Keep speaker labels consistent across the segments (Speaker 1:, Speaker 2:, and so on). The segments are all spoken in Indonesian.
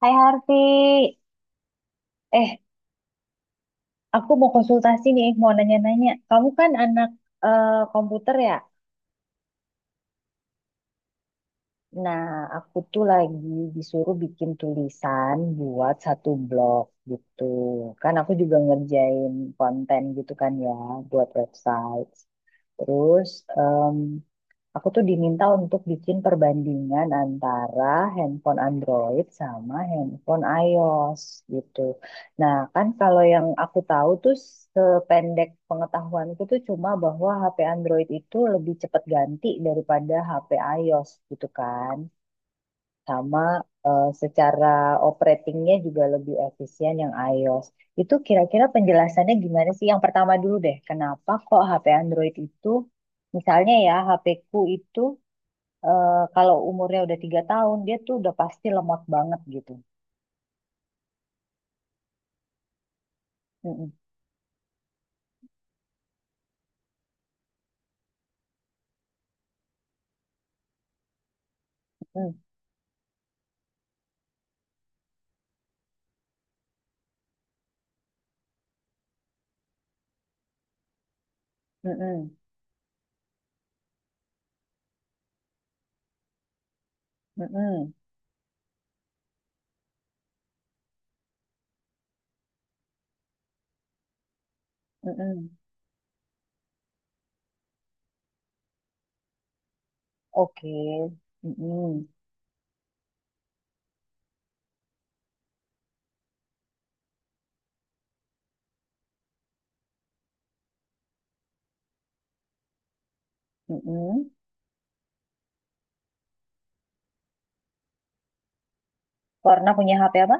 Speaker 1: Hai Harvey, eh aku mau konsultasi nih, mau nanya-nanya. Kamu kan anak komputer ya? Nah, aku tuh lagi disuruh bikin tulisan buat satu blog gitu. Kan aku juga ngerjain konten gitu kan ya, buat website. Terus aku tuh diminta untuk bikin perbandingan antara handphone Android sama handphone iOS gitu. Nah, kan kalau yang aku tahu tuh sependek pengetahuanku tuh cuma bahwa HP Android itu lebih cepat ganti daripada HP iOS gitu kan. Sama secara operatingnya juga lebih efisien yang iOS. Itu kira-kira penjelasannya gimana sih? Yang pertama dulu deh, kenapa kok HP Android itu misalnya ya, HP-ku itu kalau umurnya udah 3 tahun dia tuh udah pasti lemot banget gitu. Mm-mm, mm-mm, mm-mm, mm-mm, mm-mm. Oke. Mm-mm, mm-mm. Pernah punya HP apa?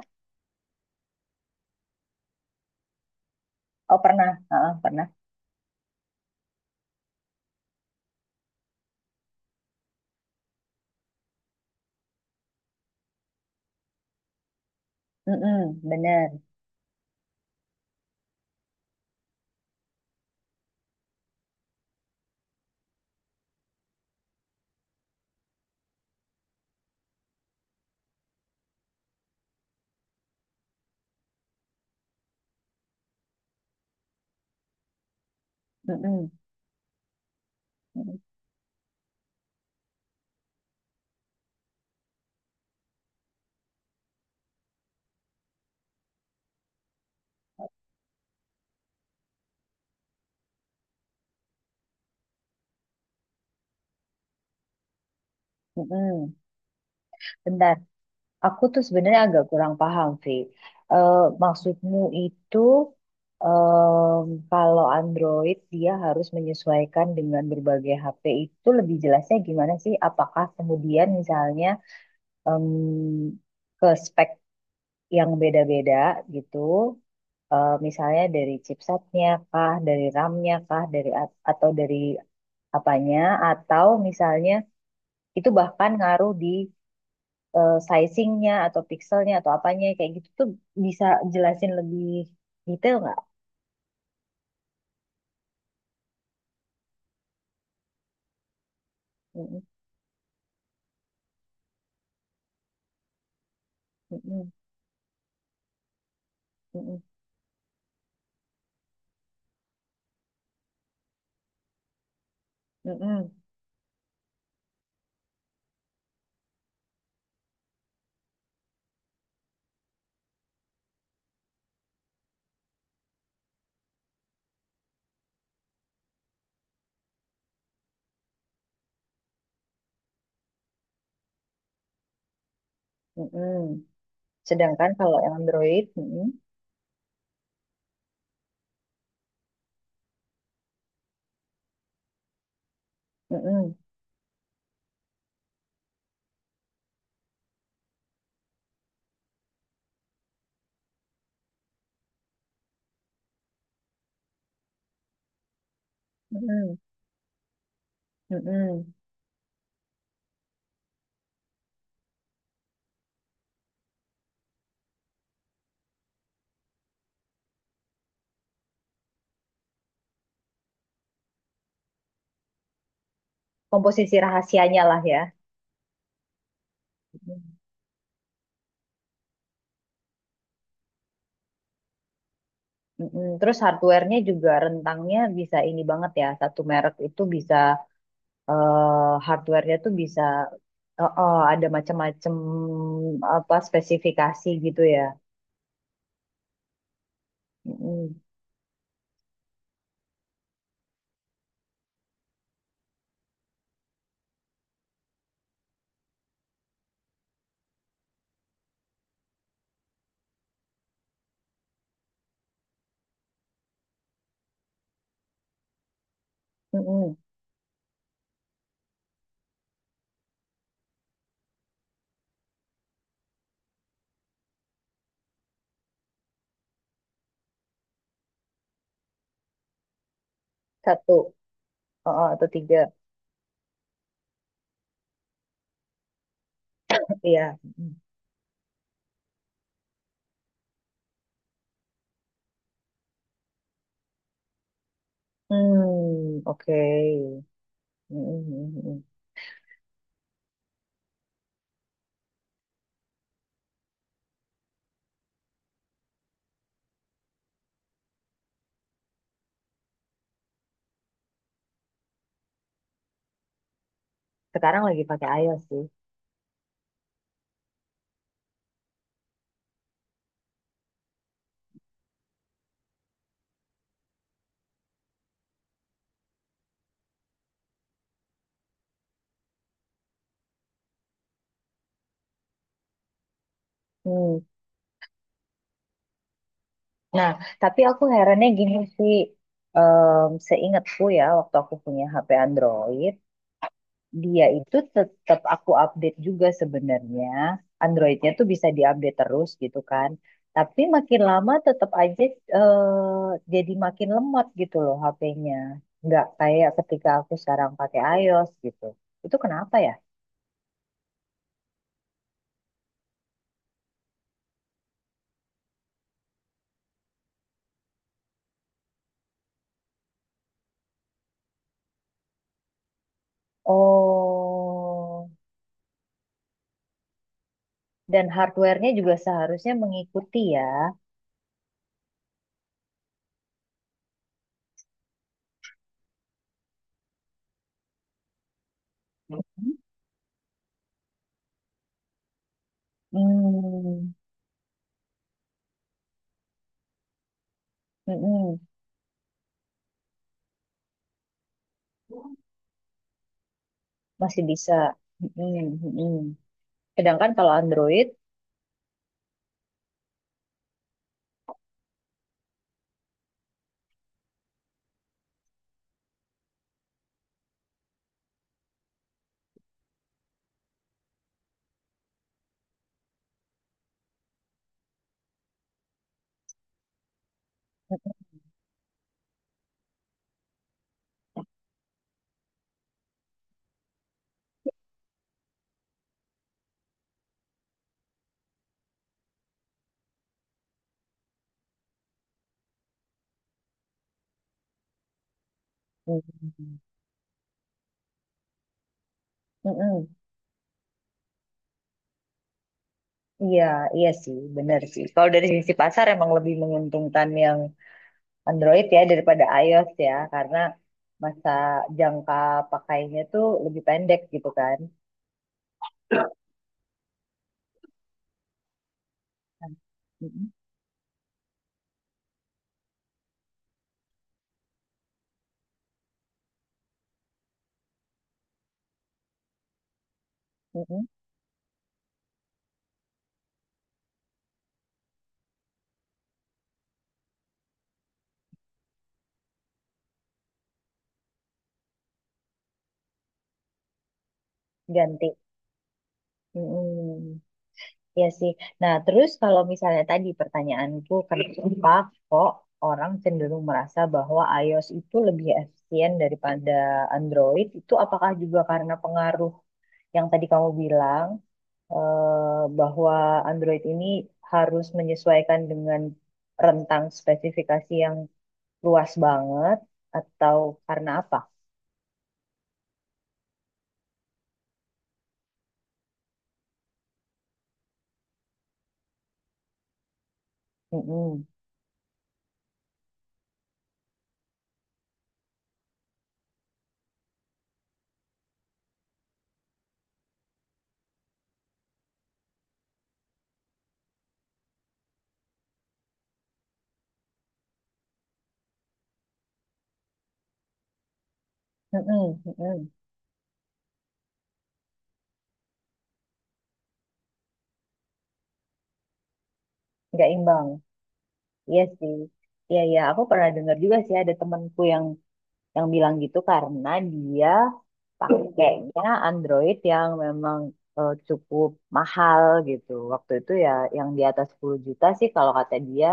Speaker 1: Oh pernah, ah, pernah. Mm-mm, bener. Mm-mm, mm-mm, mm-mm. Bentar. Aku tuh sebenarnya agak kurang paham, Vi. Eh, Maksudmu itu kalau Android dia harus menyesuaikan dengan berbagai HP itu lebih jelasnya gimana sih? Apakah kemudian misalnya em, ke spek yang beda-beda gitu, misalnya dari chipsetnya kah, dari RAM-nya kah, atau dari apanya? Atau misalnya itu bahkan ngaruh di sizingnya atau pixelnya atau apanya kayak gitu tuh bisa jelasin lebih detail nggak? Mm-mm, mm-mm, mm-mm, mm-mm, mm-mm. Sedangkan kalau yang Android, mm-mm, mm-mm, mm-mm, mm-mm. Komposisi rahasianya lah ya. Mm-mm, mm-mm. Terus hardware-nya juga rentangnya bisa ini banget ya. Satu merek itu bisa hardware-nya tuh bisa ada macam-macam apa spesifikasi gitu ya. Mm-mm, mm-mm. Satu. Oh, oh, atau tiga. Iya. Hmm, oke. Hmm, hmm, hmm, hmm. Sekarang lagi pakai iOS sih. Hmm. Nah, tapi aku herannya gini sih. Em, seingatku ya, waktu aku punya HP Android, dia itu tetap aku update juga sebenarnya. Androidnya tuh bisa diupdate terus gitu kan. Tapi makin lama tetap aja eh, jadi makin lemot gitu loh HP-nya. Nggak kayak ketika aku sekarang pakai iOS gitu. Itu kenapa ya? Oh, dan hardware-nya juga seharusnya mengikuti ya. Mhm. Hmm, mm-mm, masih bisa. Mm-mm, mm-mm. Sedangkan kalau Android, mm, mm-mm. Iya, iya sih, benar sih. Kalau dari sisi pasar emang lebih menguntungkan yang Android ya daripada iOS ya, karena masa jangka pakainya tuh lebih pendek gitu kan. Mm-mm, mm-mm. Ganti. Mm-mm. Iya sih. Nah, terus kalau misalnya tadi pertanyaanku, kenapa kok orang cenderung merasa bahwa iOS itu lebih efisien daripada Android? Itu apakah juga karena pengaruh yang tadi kamu bilang bahwa Android ini harus menyesuaikan dengan rentang spesifikasi yang luas banget, atau karena apa? Mm-mm. Mm-mm. Mm-mm. Nggak imbang. Iya sih. Iya, iya. Aku pernah dengar juga sih ada temanku yang bilang gitu karena dia pakainya Android yang memang cukup mahal gitu. Waktu itu ya yang di atas 10 juta sih kalau kata dia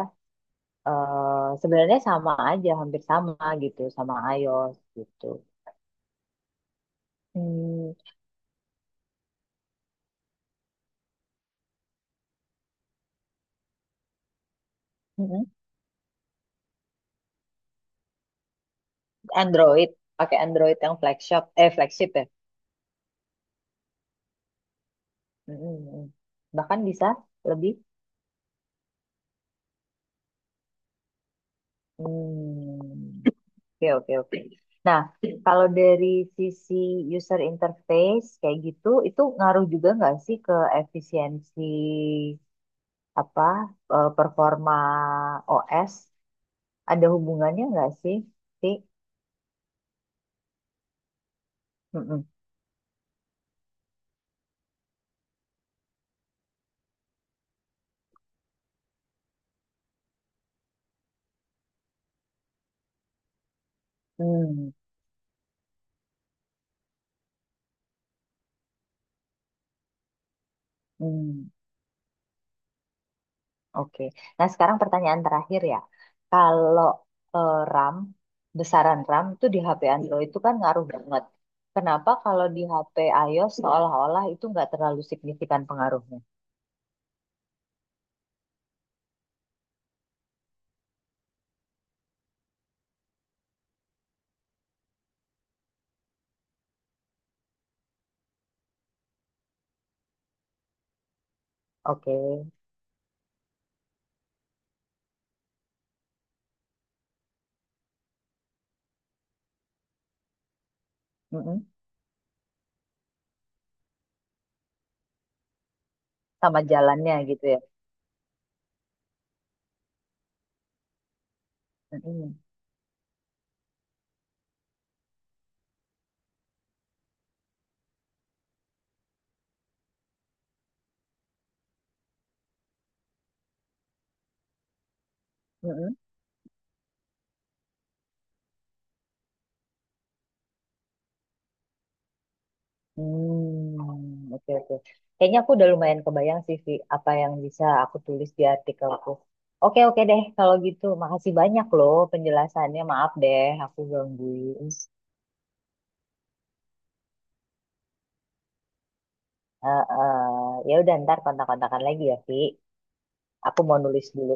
Speaker 1: sebenarnya sama aja, hampir sama gitu sama iOS gitu. Hmm, mm-mm. Android, pakai Android yang flagship, flagship ya. Hmm, mm-mm. Bahkan bisa lebih. Hmm. Oke, oke, oke. Nah, kalau dari sisi user interface kayak gitu, itu ngaruh juga nggak sih ke efisiensi apa performa OS? Ada hubungannya nggak sih? Mm-mm. Hmm, hmm, oke. Nah, sekarang pertanyaan terakhir ya. Kalau RAM, besaran RAM itu di HP Android itu kan ngaruh banget. Kenapa kalau di HP iOS seolah-olah itu nggak terlalu signifikan pengaruhnya? Oke. Mm-mm. Sama jalannya gitu ya. Mm-mm. Mm-mm. Hmm, oke oke. Kayaknya aku udah lumayan kebayang sih Vi, apa yang bisa aku tulis di artikelku. Oke oke deh kalau gitu. Makasih banyak loh penjelasannya. Maaf deh aku gangguin. Eh, eh, ya udah ntar kontak-kontakan lagi ya Vi. Aku mau nulis dulu.